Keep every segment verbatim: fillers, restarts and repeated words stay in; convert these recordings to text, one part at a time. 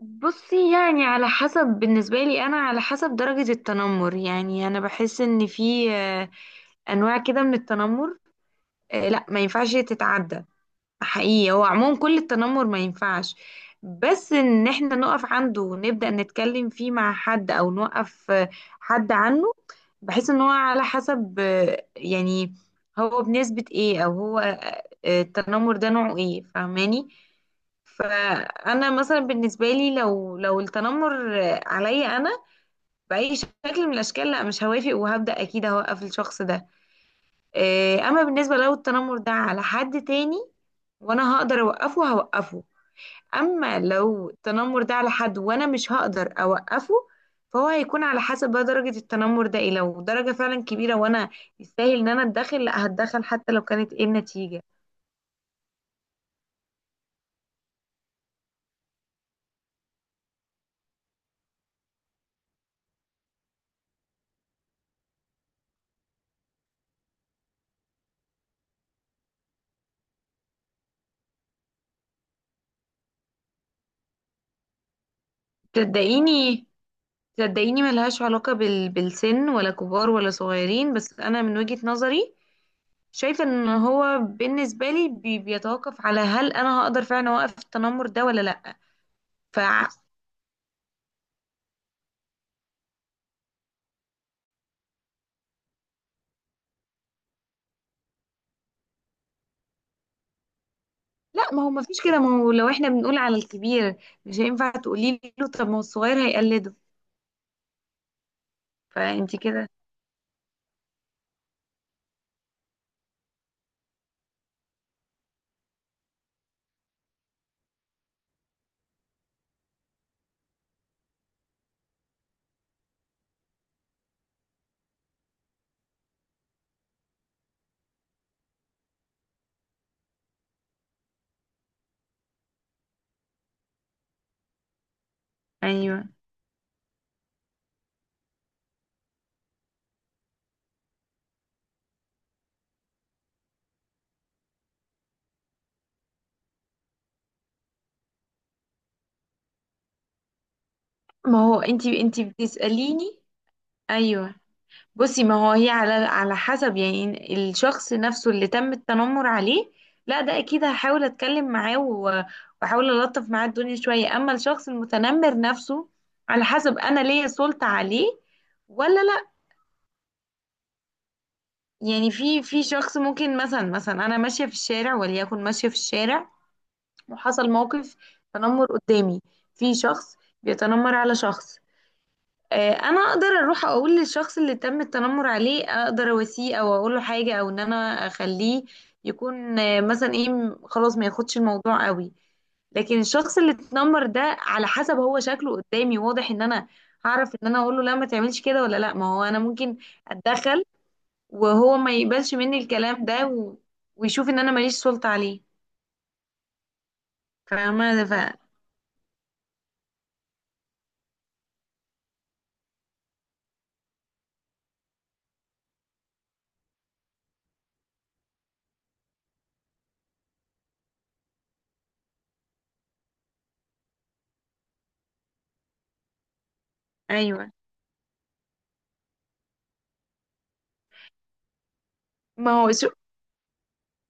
بصي، يعني على حسب. بالنسبة لي أنا على حسب درجة التنمر. يعني أنا بحس إن في آه، أنواع كده من التنمر. آه، لا ما ينفعش تتعدى. حقيقي هو عموما كل التنمر ما ينفعش، بس إن إحنا نقف عنده ونبدأ نتكلم فيه مع حد أو نوقف آه، حد عنه. بحس إن هو على حسب، آه، يعني هو بنسبة إيه، أو هو آه، آه، التنمر ده نوعه إيه، فاهماني؟ فانا مثلا بالنسبه لي لو لو التنمر عليا انا باي شكل من الاشكال، لا مش هوافق، وهبدا اكيد هوقف الشخص ده. إيه، اما بالنسبه لو التنمر ده على حد تاني وانا هقدر اوقفه، هوقفه. اما لو التنمر ده على حد وانا مش هقدر اوقفه، فهو هيكون على حسب بقى درجه التنمر ده ايه. لو درجه فعلا كبيره وانا يستاهل ان انا اتدخل، لا، هتدخل حتى لو كانت ايه النتيجه. تصدقيني، صدقيني، ملهاش علاقة بال... بالسن، ولا كبار ولا صغيرين. بس أنا من وجهة نظري شايفة إن هو بالنسبة لي بي... بيتوقف على هل أنا هقدر فعلا أوقف التنمر ده ولا لأ. ف لا، ما هو ما فيش كده. ما هو لو احنا بنقول على الكبير، مش هينفع تقولي له طب، ما هو الصغير هيقلده. فأنت كده، أيوه. ما هو أنت أنت بتسأليني. أيوه، بصي ما هو هي على على حسب يعني الشخص نفسه اللي تم التنمر عليه، لا ده اكيد هحاول اتكلم معاه و- واحاول الطف معاه الدنيا شوية. اما الشخص المتنمر نفسه، على حسب انا ليا سلطة عليه ولا لا. يعني في في شخص، ممكن مثلا مثلا انا ماشية في الشارع، وليكن ماشية في الشارع، وحصل موقف تنمر قدامي، في شخص بيتنمر على شخص. آه، انا اقدر اروح اقول للشخص اللي تم التنمر عليه، اقدر اواسيه او اقول له حاجه، او ان انا اخليه يكون آه، مثلا ايه، م- خلاص ما ياخدش الموضوع قوي. لكن الشخص اللي اتنمر ده على حسب هو شكله قدامي، واضح ان انا هعرف ان انا اقول له لا، ما تعملش كده، ولا لا. ما هو انا ممكن اتدخل وهو ما يقبلش مني الكلام ده و... ويشوف ان انا ماليش سلطه عليه، فاهمه؟ ف ايوه. ما هو شو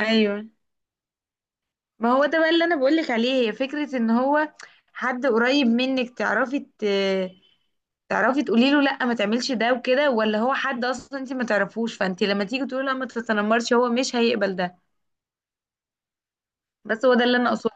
ايوه، ما هو ده بقى اللي انا بقولك عليه. هي فكرة ان هو حد قريب منك تعرفي ت- تعرفي تقولي له لا، ما تعملش ده وكده. ولا هو حد اصلا انت ما تعرفوش، فانت لما تيجي تقولي له لا ما تتنمرش، هو مش هيقبل ده. بس هو ده اللي انا اقصده.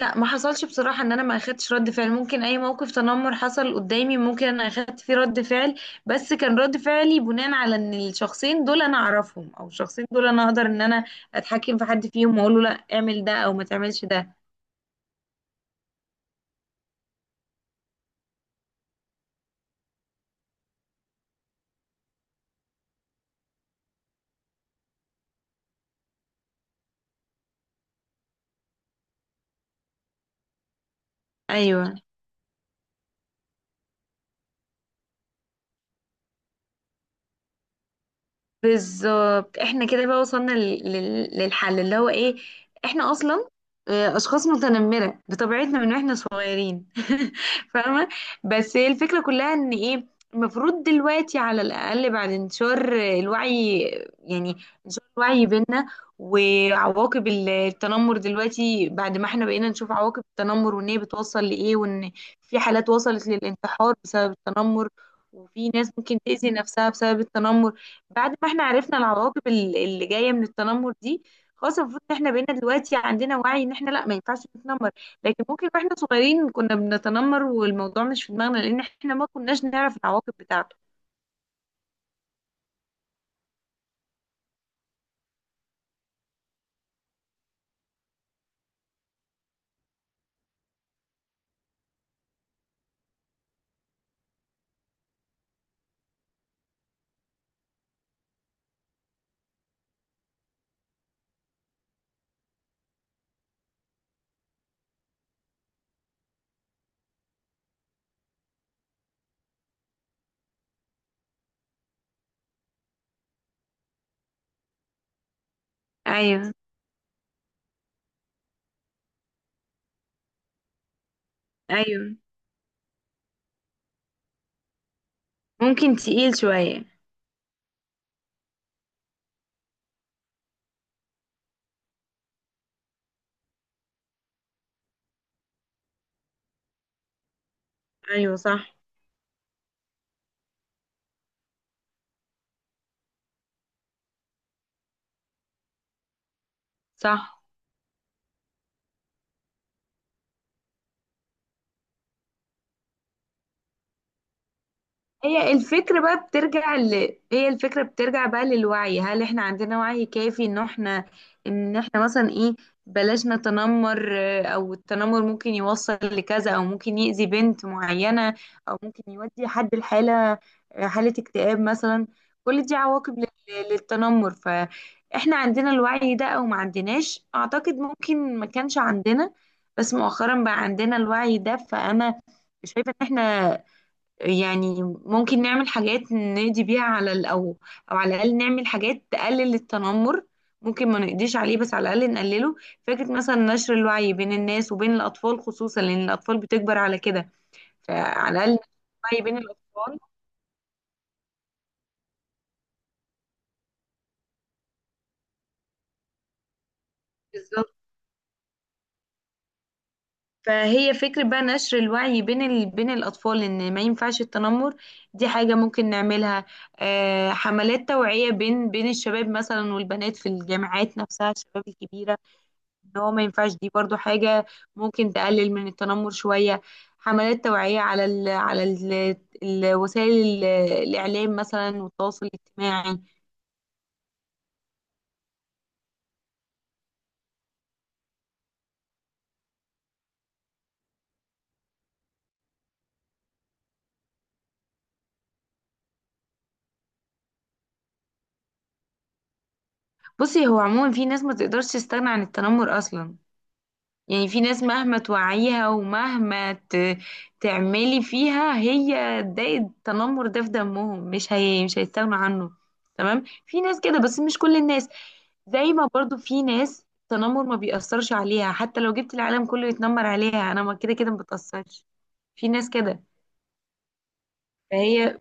لا، ما حصلش بصراحة ان انا ما اخدتش رد فعل. ممكن اي موقف تنمر حصل قدامي ممكن انا اخدت فيه رد فعل، بس كان رد فعلي بناء على ان الشخصين دول انا اعرفهم، او الشخصين دول انا اقدر ان انا اتحكم في حد فيهم، واقول له لا اعمل ده، او ما تعملش ده. ايوه، بالظبط. احنا كده بقى وصلنا لل- لل- للحل اللي هو ايه. احنا اصلا آه، اشخاص متنمره بطبيعتنا من واحنا صغيرين فاهمه؟ بس هي الفكره كلها ان ايه، المفروض دلوقتي على الاقل بعد انتشار الوعي، يعني انتشار الوعي بينا وعواقب التنمر. دلوقتي بعد ما احنا بقينا نشوف عواقب التنمر وان هي بتوصل لايه، وان في حالات وصلت للانتحار بسبب التنمر، وفي ناس ممكن تأذي نفسها بسبب التنمر، بعد ما احنا عرفنا العواقب ال- اللي جايه من التنمر دي، خلاص المفروض ان احنا بقينا دلوقتي عندنا وعي ان احنا لا ما ينفعش نتنمر. لكن ممكن واحنا صغيرين كنا بنتنمر والموضوع مش في دماغنا، لان احنا ما كناش نعرف العواقب بتاعته. ايوه، ايوه، ممكن تقيل شويه. ايوه، صح، صح. هي الفكرة بقى بترجع ل... هي الفكرة بترجع بقى للوعي. هل احنا عندنا وعي كافي ان احنا، ان احنا مثلا ايه، بلاش نتنمر؟ آه، او التنمر ممكن يوصل لكذا، او ممكن يأذي بنت معينة، او ممكن يودي حد لحالة، آه، حالة اكتئاب مثلا. كل دي عواقب لل... للتنمر. فاحنا عندنا الوعي ده او ما عندناش؟ اعتقد ممكن ما كانش عندنا، بس مؤخرا بقى عندنا الوعي ده. فانا شايفة ان احنا يعني ممكن نعمل حاجات نقضي بيها على ال- او او على الاقل نعمل حاجات تقلل التنمر. ممكن ما نقضيش عليه، بس على الاقل نقلله. فكره مثلا نشر الوعي بين الناس وبين الاطفال خصوصا، لان الاطفال بتكبر على كده. فعلى الاقل نشر الوعي بين الاطفال. بالظبط. فهي فكرة بقى نشر الوعي بين ال... بين الأطفال إن ما ينفعش التنمر، دي حاجة ممكن نعملها. آه، حملات توعية بين بين الشباب مثلا والبنات في الجامعات نفسها، الشباب الكبيرة، ان هو ما ينفعش، دي برضو حاجة ممكن تقلل من التنمر شوية. حملات توعية على ال على ال الوسائل ال- الإعلام مثلا والتواصل الاجتماعي. بصي هو عموما في ناس ما تقدرش تستغنى عن التنمر أصلا. يعني في ناس مهما توعيها، ومهما ت- تعملي فيها هي، ده التنمر ده في دمهم، مش هي مش هيستغنوا عنه. تمام، في ناس كده بس مش كل الناس. زي ما برضو في ناس التنمر ما بيأثرش عليها، حتى لو جبت العالم كله يتنمر عليها انا ما كده كده ما بتأثرش، في ناس كده. فهي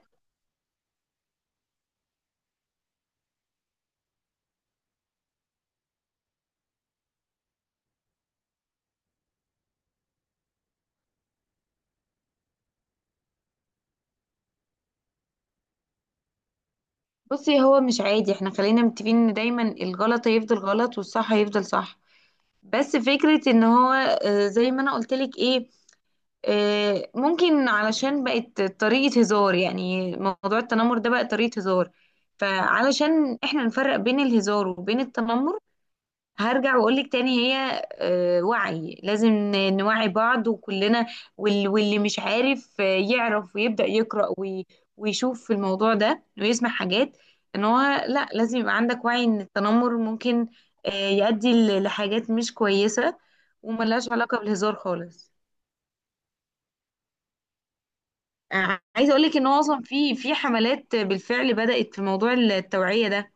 بصي هو مش عادي. احنا خلينا متفقين ان دايما الغلط هيفضل غلط والصح هيفضل صح. بس فكرة ان هو آه، زي ما انا قلت لك ايه، آه، ممكن علشان بقت طريقة هزار، يعني موضوع التنمر ده بقى طريقة هزار. فعلشان احنا نفرق بين الهزار وبين التنمر، هرجع واقولك تاني. هي آه، وعي، لازم ن- نوعي بعض وكلنا. وال- واللي مش عارف آه، يعرف ويبدأ يقرأ وي- ويشوف في الموضوع ده ويسمع حاجات، ان هو لا، لازم يبقى عندك وعي ان التنمر ممكن آه، يؤدي ل- لحاجات مش كويسة، وملهاش علاقة بالهزار خالص. آه، عايزه اقول لك ان هو اصلا في في حملات بالفعل بدات في موضوع التوعيه ده.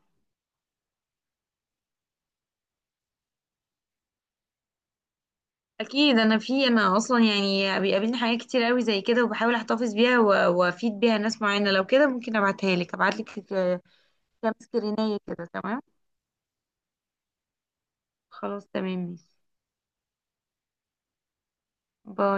اكيد، انا في انا اصلا يعني بيقابلني حاجات كتير قوي زي كده، وبحاول احتفظ بيها و- وافيد بيها ناس معينه. لو كده ممكن ابعتها لك، ابعت لك كام سكرينيه كده، تمام؟ خلاص، تمام، ماشي. باي.